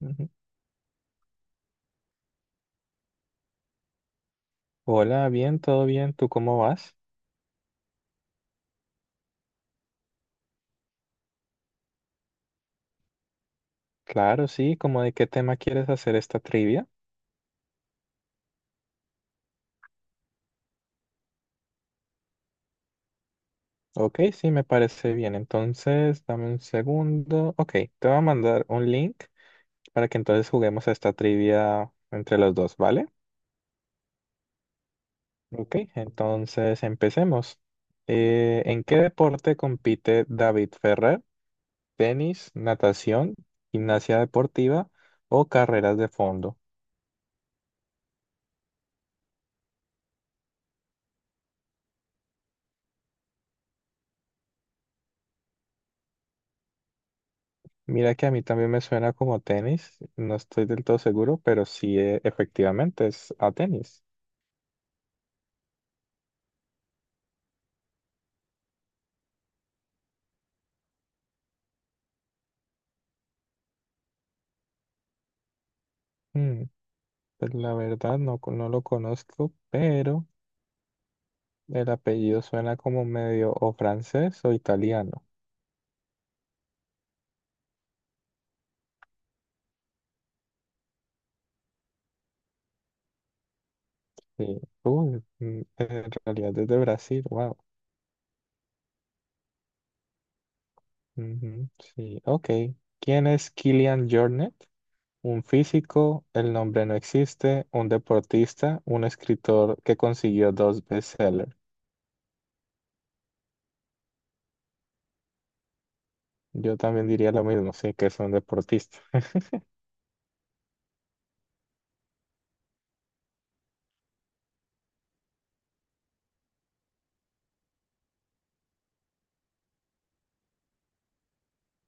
Ujú. Hola, bien, todo bien, ¿tú cómo vas? Claro, sí, ¿cómo de qué tema quieres hacer esta trivia? Ok, sí, me parece bien, entonces dame un segundo. Ok, te voy a mandar un link para que entonces juguemos a esta trivia entre los dos, ¿vale? Ok, entonces empecemos. ¿En qué deporte compite David Ferrer? ¿Tenis, natación, gimnasia deportiva o carreras de fondo? Mira que a mí también me suena como tenis, no estoy del todo seguro, pero sí, efectivamente es a tenis. Mm, pues la verdad no, no lo conozco, pero el apellido suena como medio o francés o italiano. Sí. Uy, mm, en realidad es de Brasil, wow. Ujú, sí, ok. ¿Quién es Kylian Jornet? Un físico, el nombre no existe, un deportista, un escritor que consiguió dos bestsellers. Yo también diría lo mismo, sí, que son deportistas.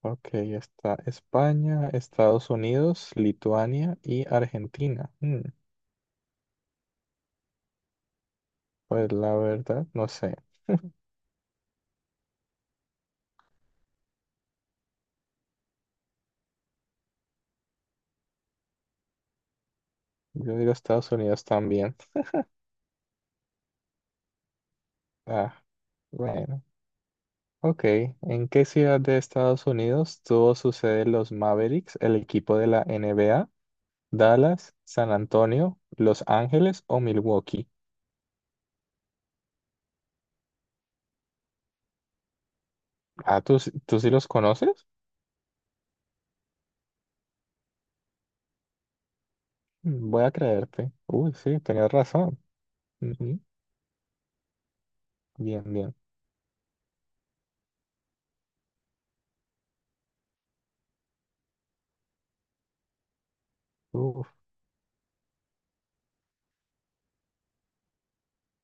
Ok, está España, Estados Unidos, Lituania y Argentina. Mm, pues la verdad, no sé. Yo digo Estados Unidos también. Ah, bueno. Ok, ¿en qué ciudad de Estados Unidos tuvo su sede los Mavericks, el equipo de la NBA? ¿Dallas, San Antonio, Los Ángeles o Milwaukee? Ah, ¿tú sí los conoces? Mm, voy a creerte. Uy, sí, tenías razón. Ujú. Bien, bien. Uf,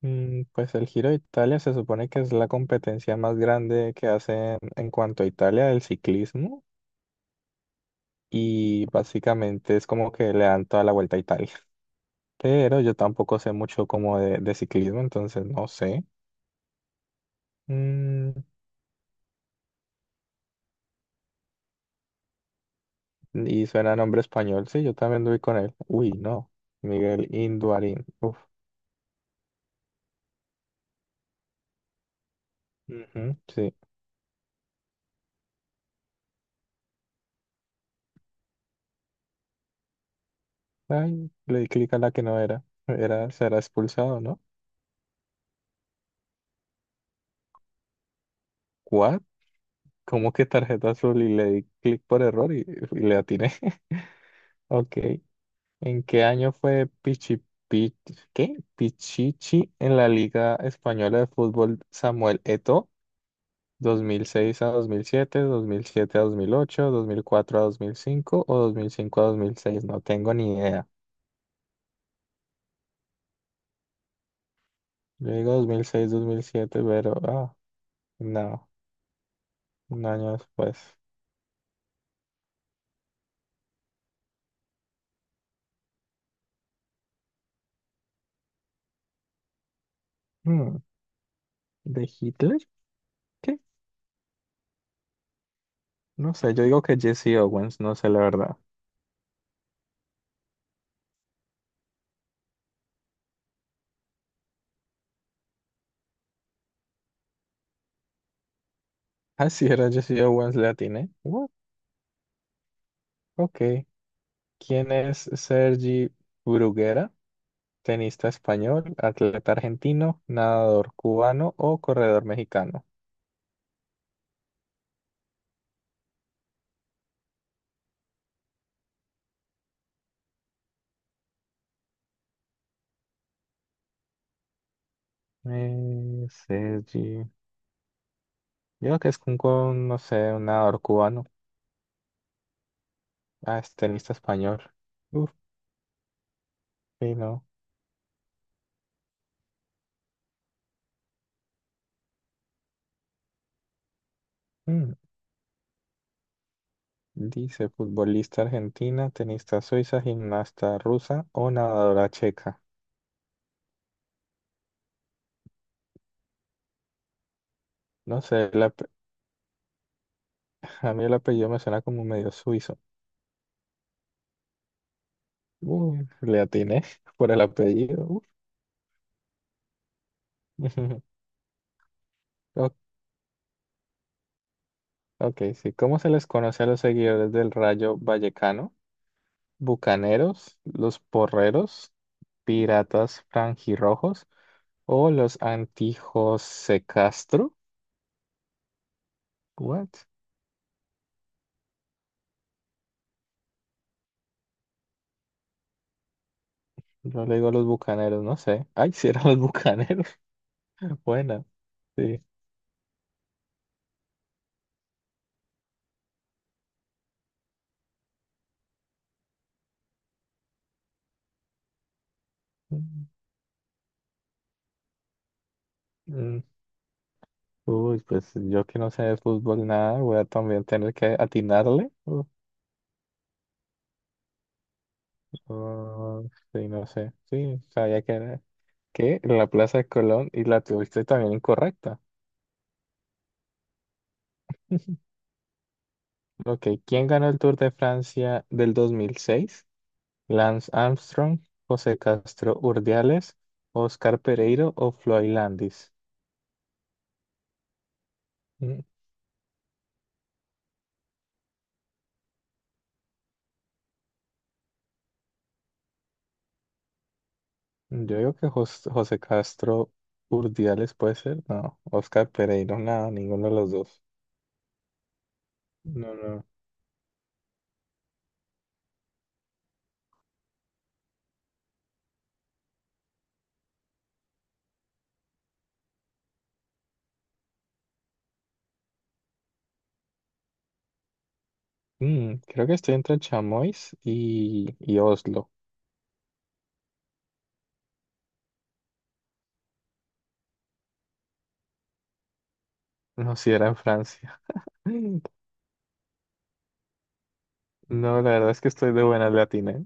mm, pues el Giro de Italia se supone que es la competencia más grande que hacen en cuanto a Italia del ciclismo y básicamente es como que le dan toda la vuelta a Italia. Pero yo tampoco sé mucho como de ciclismo, entonces no sé. Mm, y suena nombre español, sí, yo también doy con él. Uy, no, Miguel Induarín. Uf, ujú, sí. Ay, le di clic a la que no era. Era, será expulsado, ¿no? ¿Cómo que tarjeta azul? Y le di clic por error y le atiné. Ok. ¿En qué año fue Pichi, Pi- ¿qué? Pichichi en la Liga Española de Fútbol Samuel Eto'o? ¿2006 a 2007, 2007 a 2008, 2004 a 2005 o 2005 a 2006? No tengo ni idea. Yo digo 2006, 2007, pero ah, no, un año después. Hmm. ¿De Hitler? ¿Qué? No sé, yo digo que Jesse Owens, no sé la verdad. Así era, yo sí, yo once le atiné. What? Ok. ¿Quién es Sergi Bruguera? Tenista español, atleta argentino, nadador cubano o corredor mexicano. Sergi. Yo creo que es un, con, no sé, un nadador cubano. Ah, es tenista español. Uf, sí, no. Mm. Dice futbolista argentina, tenista suiza, gimnasta rusa o nadadora checa. No sé, a mí el apellido me suena como medio suizo. Le atiné por el apellido. Uh. O- Ok, sí. ¿Cómo se les conoce a los seguidores del Rayo Vallecano? ¿Bucaneros, los porreros, piratas franjirrojos o los antijos Castro? What? Yo le digo los bucaneros, no sé. Ay, si eran los bucaneros. Buena, sí. Mm, uy, pues yo que no sé de fútbol nada, voy a también tener que atinarle. Ah, sí, no sé. Sí, sabía que era. Que la Plaza de Colón y la tuviste también incorrecta. Ok, ¿quién ganó el Tour de Francia del 2006? ¿Lance Armstrong, José Castro Urdiales, Oscar Pereiro o Floyd Landis? Mm, yo digo que José Castro Urdiales puede ser, no, Oscar Pereiro, nada, ninguno de los dos. No, no. Mm, creo que estoy entre Chamois y Oslo. No, si era en Francia. No, la verdad es que estoy de buena latina.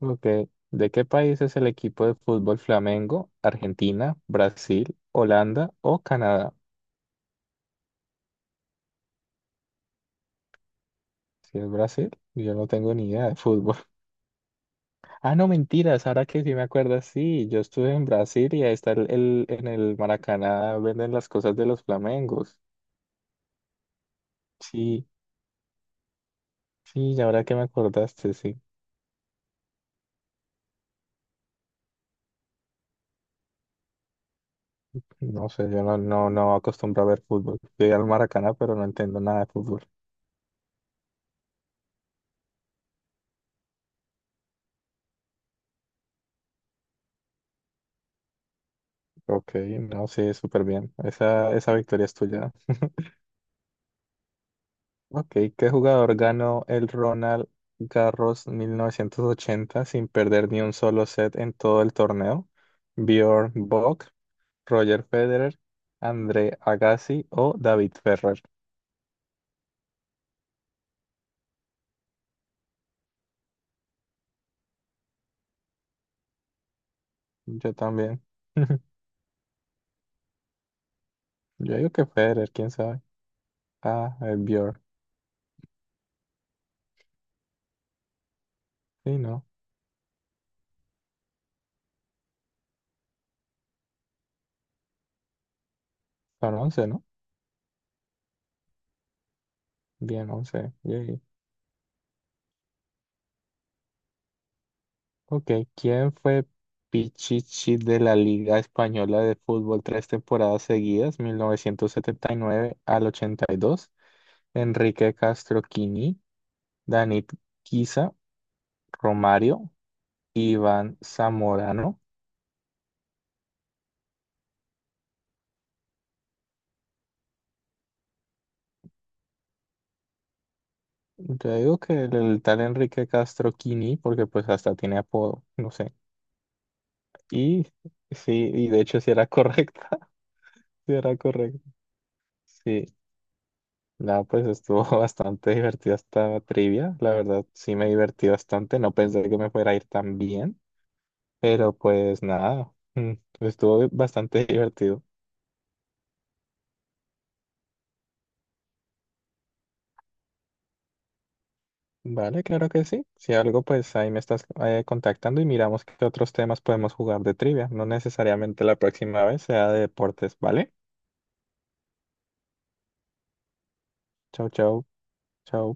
Ok. ¿De qué país es el equipo de fútbol Flamengo? ¿Argentina, Brasil, Holanda o Canadá? Si es Brasil, yo no tengo ni idea de fútbol. Ah, no, mentiras, ahora que sí me acuerdo, sí, yo estuve en Brasil y ahí está en el Maracaná venden las cosas de los flamencos. Sí, sí, y ahora que me acordaste, sí. No sé, yo no, no, no acostumbro a ver fútbol. Llegué al Maracaná, pero no entiendo nada de fútbol. Ok, no, sí, súper bien. Esa victoria es tuya. Ok, ¿qué jugador ganó el Ronald Garros 1980 sin perder ni un solo set en todo el torneo? ¿Bjorn Borg, Roger Federer, André Agassi o David Ferrer? Yo también. Yo digo que Federer, quién sabe. Ah, el Bjorn. Sí, no. Son once, ¿no? Bien, 11. Yay. Ok, ¿quién fue Pichichi de la Liga Española de Fútbol tres temporadas seguidas, 1979 al 82? Enrique Castroquini, Danit Guisa, Romario, Iván Zamorano. Yo digo que el tal Enrique Castroquini, porque pues hasta tiene apodo, no sé. Y sí, y de hecho sí era correcta, sí era correcta. Sí, no, pues estuvo bastante divertida esta trivia, la verdad sí me divertí bastante, no pensé que me fuera a ir tan bien, pero pues nada, mm, estuvo bastante divertido. Vale, claro que sí. Si algo, pues ahí me estás contactando y miramos qué otros temas podemos jugar de trivia. No necesariamente la próxima vez sea de deportes, ¿vale? Chau, chau, chau.